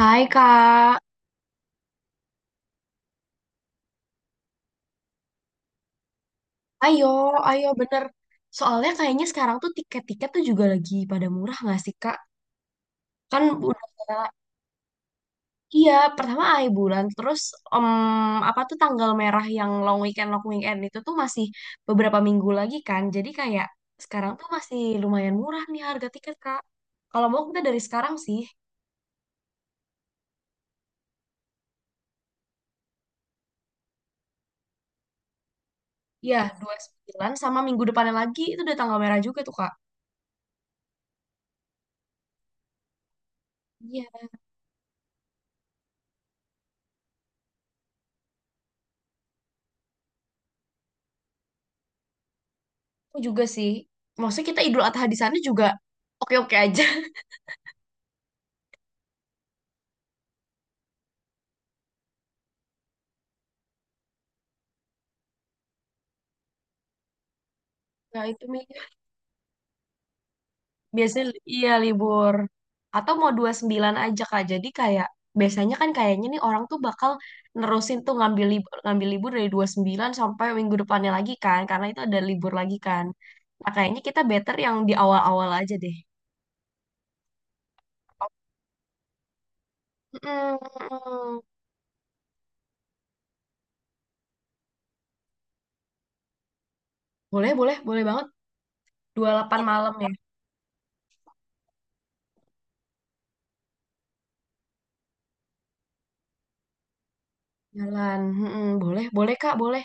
Hai Kak, ayo, ayo bener. Soalnya kayaknya sekarang tuh tiket-tiket tuh juga lagi pada murah nggak sih Kak? Kan udah, iya pertama akhir bulan, terus em, apa tuh tanggal merah yang long weekend itu tuh masih beberapa minggu lagi kan. Jadi kayak sekarang tuh masih lumayan murah nih harga tiket Kak. Kalau mau kita dari sekarang sih, ya 29 sama minggu depannya lagi itu udah tanggal merah juga tuh Kak. Iya, aku juga sih. Maksudnya kita Idul Adha di sana juga oke-oke aja. Nah, itu Mi. Biasanya iya libur. Atau mau 29 aja Kak. Jadi kayak biasanya kan kayaknya nih orang tuh bakal nerusin tuh ngambil libur dari 29 sampai minggu depannya lagi kan karena itu ada libur lagi kan. Nah, kayaknya kita better yang di awal-awal aja deh. Mm-mm. Boleh, boleh, boleh banget. 28 malam ya. Jalan. Mm-mm. Boleh, boleh Kak, boleh.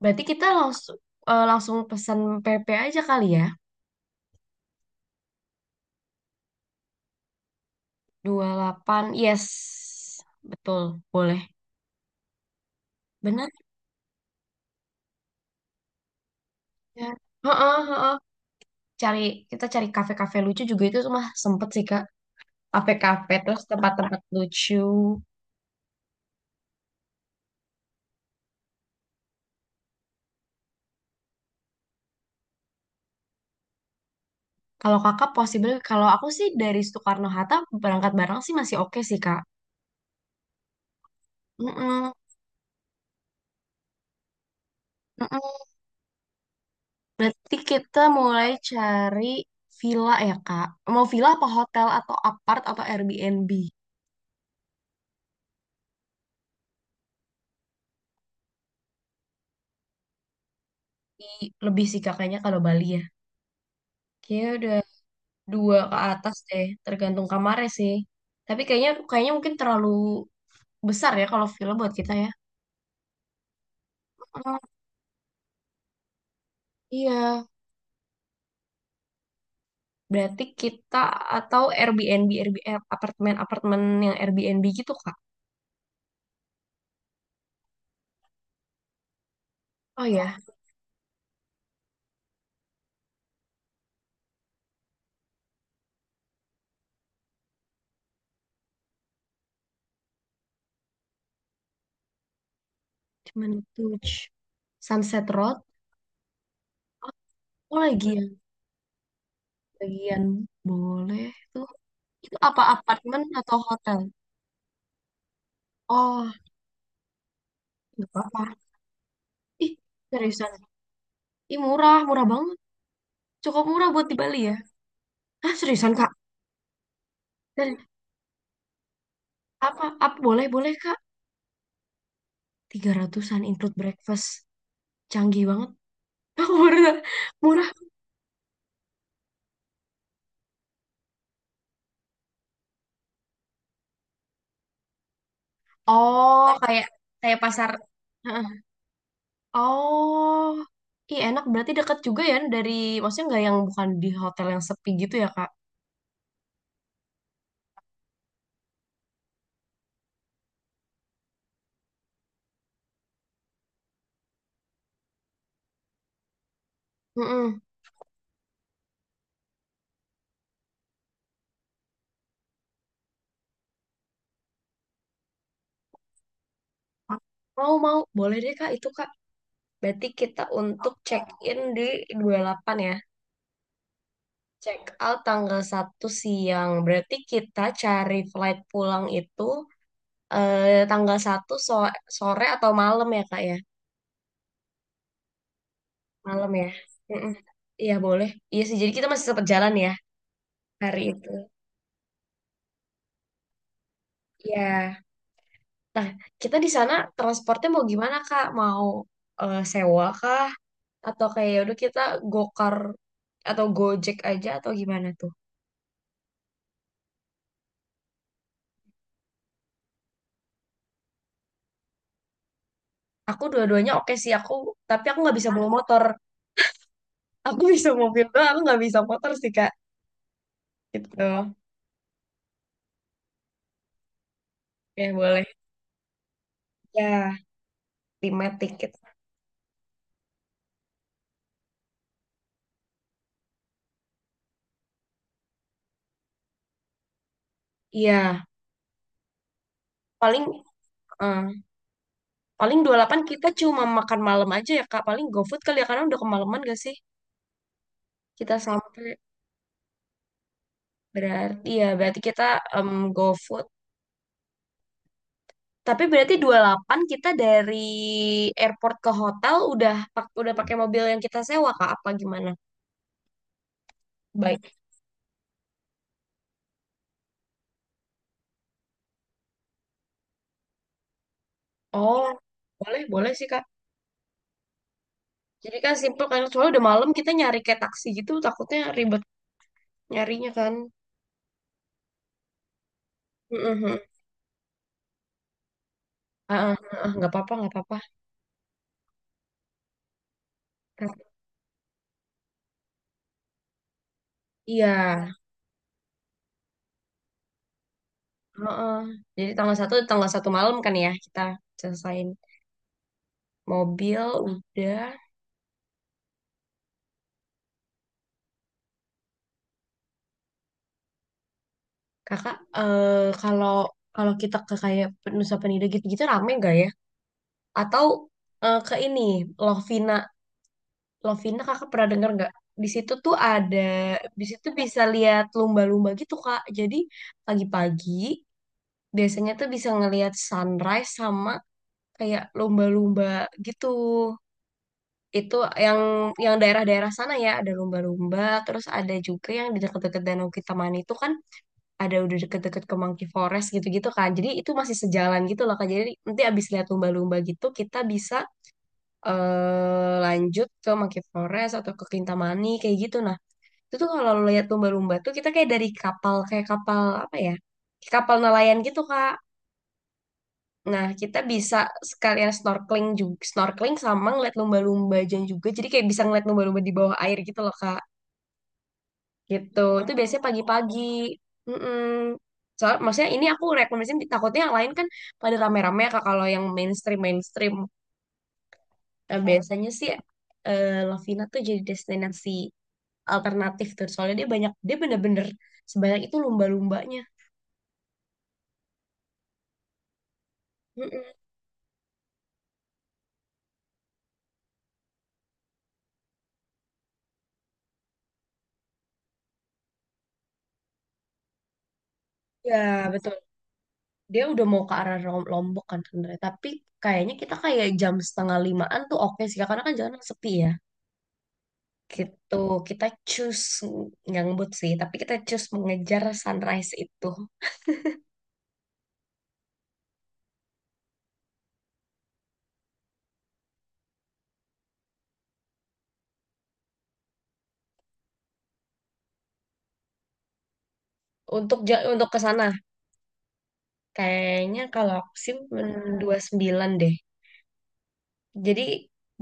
Berarti kita langsung eh, langsung pesan PP aja kali ya. 28, yes. Betul, boleh. Benar ya. Heeh, heeh. Cari kita cari kafe-kafe lucu juga itu mah sempet sih Kak. Kafe-kafe terus tempat-tempat lucu. Kalau Kakak possible kalau aku sih dari Soekarno-Hatta berangkat bareng sih masih oke sih Kak. Mm-mm, mm-mm. Berarti kita mulai cari villa ya Kak. Mau villa apa hotel atau apart atau Airbnb? Lebih sih Kak, kayaknya kalau Bali ya. Kayaknya udah dua ke atas deh, tergantung kamarnya sih. Tapi kayaknya kayaknya mungkin terlalu besar ya kalau villa buat kita ya. Oh, iya, berarti kita atau Airbnb, Airbnb eh, apartemen-apartemen yang Airbnb gitu Kak. Oh ya, cuman itu Ch. Sunset Road. Aku lagi yang bagian boleh tuh. Itu apa apartemen atau hotel? Oh, nggak apa-apa. Ih, seriusan. Ih, murah, murah banget. Cukup murah buat di Bali ya. Ah, seriusan Kak. Dan apa, apa boleh, boleh Kak. 300-an include breakfast. Canggih banget. Aku baru tahu. Murah. Oh, kayak kayak pasar. Heeh. Oh, iya enak berarti dekat juga ya dari maksudnya nggak yang bukan di hotel yang sepi gitu ya Kak? Mm-mm. Mau mau boleh deh Kak itu Kak. Berarti kita untuk check in di 28 ya. Check out tanggal 1 siang. Berarti kita cari flight pulang itu tanggal 1 sore atau malam ya Kak ya? Malam ya. Mm-mm. Iya boleh. Iya sih jadi kita masih sempat jalan ya hari itu. Iya. Nah, kita di sana transportnya mau gimana, Kak? Mau sewa kah? Atau kayak udah kita gokar atau gojek aja atau gimana tuh? Aku dua-duanya oke sih aku, tapi aku nggak bisa bawa motor. Aku bisa mobil doang, aku nggak bisa motor sih, Kak. Gitu. Ya, boleh. Ya, limet tiket. Iya, paling eh, paling 28 kita cuma makan malam aja ya, Kak. Paling GoFood kali ya, karena udah kemalaman gak sih? Kita sampai berarti ya berarti kita go. Tapi berarti 28 kita dari airport ke hotel udah pakai mobil yang kita sewa Kak apa gimana? Baik. Oh, boleh boleh sih Kak. Jadi kan simple kan soalnya udah malam kita nyari kayak taksi gitu takutnya ribet nyarinya kan. Heeh. Heeh, heeh, nggak apa-apa, nggak apa-apa. Iya. Heeh. Jadi tanggal satu malam kan ya kita selesain mobil udah. Kakak, kalau kalau kita ke kayak Nusa Penida gitu-gitu rame nggak ya? Atau ke ini Lovina. Lovina, kakak pernah dengar nggak? Di situ tuh ada. Di situ bisa lihat lumba-lumba gitu kak. Jadi pagi-pagi biasanya tuh bisa ngelihat sunrise sama kayak lumba-lumba gitu. Itu yang yang daerah-daerah sana ya ada lumba-lumba. Terus ada juga yang di dekat-dekat Danau Kitamani itu kan ada udah deket-deket ke Monkey Forest gitu-gitu kan. Jadi itu masih sejalan gitu loh kak. Jadi nanti abis lihat lumba-lumba gitu kita bisa lanjut ke Monkey Forest atau ke Kintamani kayak gitu. Nah, itu tuh kalau lo lihat lumba-lumba tuh kita kayak dari kapal kayak kapal apa ya? Kayak kapal nelayan gitu, Kak. Nah, kita bisa sekalian snorkeling juga, snorkeling sama ngeliat lumba-lumba dan juga. Jadi kayak bisa ngeliat lumba-lumba di bawah air gitu loh, Kak. Gitu. Itu biasanya pagi-pagi. Mm-mm. Maksudnya ini aku rekomendasiin takutnya yang lain kan pada rame-rame ya, Kak kalau yang mainstream mainstream. Nah, biasanya sih Lovina tuh jadi destinasi alternatif tuh soalnya dia banyak dia bener-bener sebanyak itu lumba-lumbanya. Mm-mm. Ya betul, dia udah mau ke arah Lombok kan sebenarnya, tapi kayaknya kita kayak jam setengah limaan tuh oke sih karena kan jalan sepi ya gitu. Kita choose nggak ngebut sih, tapi kita choose mengejar sunrise itu untuk ke sana. Kayaknya kalau aku sih 29 deh. Jadi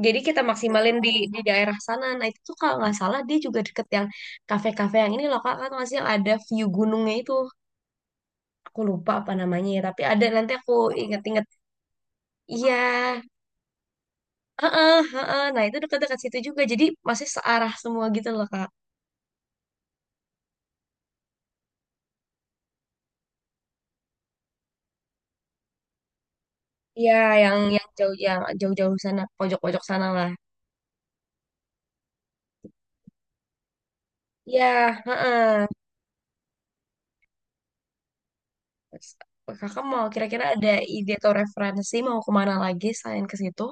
jadi kita maksimalin di daerah sana. Nah itu tuh kalau nggak salah dia juga deket yang kafe-kafe yang ini loh kak kan masih yang ada view gunungnya itu. Aku lupa apa namanya ya, tapi ada nanti aku inget-inget. Iya, heeh, heeh. Nah itu dekat-dekat situ juga. Jadi masih searah semua gitu loh kak. Iya, yang jauh yang jauh-jauh sana pojok-pojok sana lah. Iya, heeh. Kakak mau kira-kira ada ide atau referensi mau kemana lagi selain ke situ?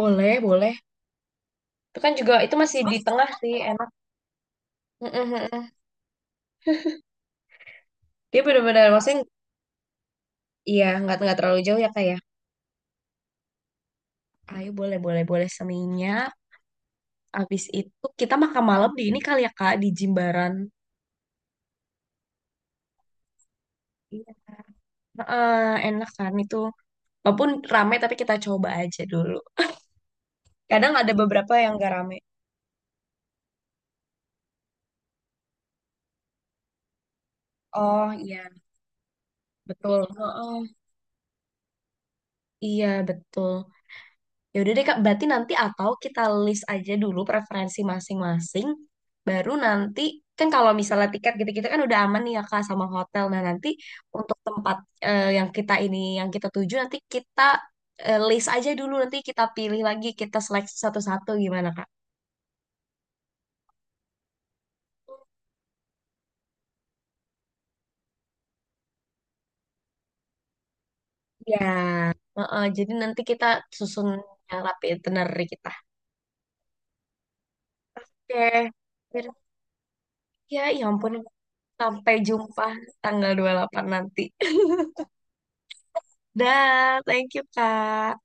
Boleh, boleh. Itu kan juga itu masih di tengah sih, enak. Heeh, heeh. Dia benar-benar maksudnya iya nggak terlalu jauh ya kak ya. Ayo, boleh boleh boleh seninya. Abis itu kita makan malam di ini kali ya kak di Jimbaran. Iya. Heeh, enak kan itu. Walaupun rame tapi kita coba aja dulu. Kadang ada beberapa yang nggak rame. Oh iya betul. Heeh, iya betul. Ya udah deh Kak, berarti nanti atau kita list aja dulu preferensi masing-masing, baru nanti kan kalau misalnya tiket gitu-gitu kan udah aman nih ya Kak sama hotel. Nah nanti untuk tempat yang kita ini yang kita tuju nanti kita list aja dulu nanti kita pilih lagi kita seleksi satu-satu gimana Kak? Ya, heeh, jadi nanti kita susun yang rapi itinerary kita. Oke. Biar- Ya, ya ampun, sampai jumpa tanggal 28 nanti. Dah, thank you Kak.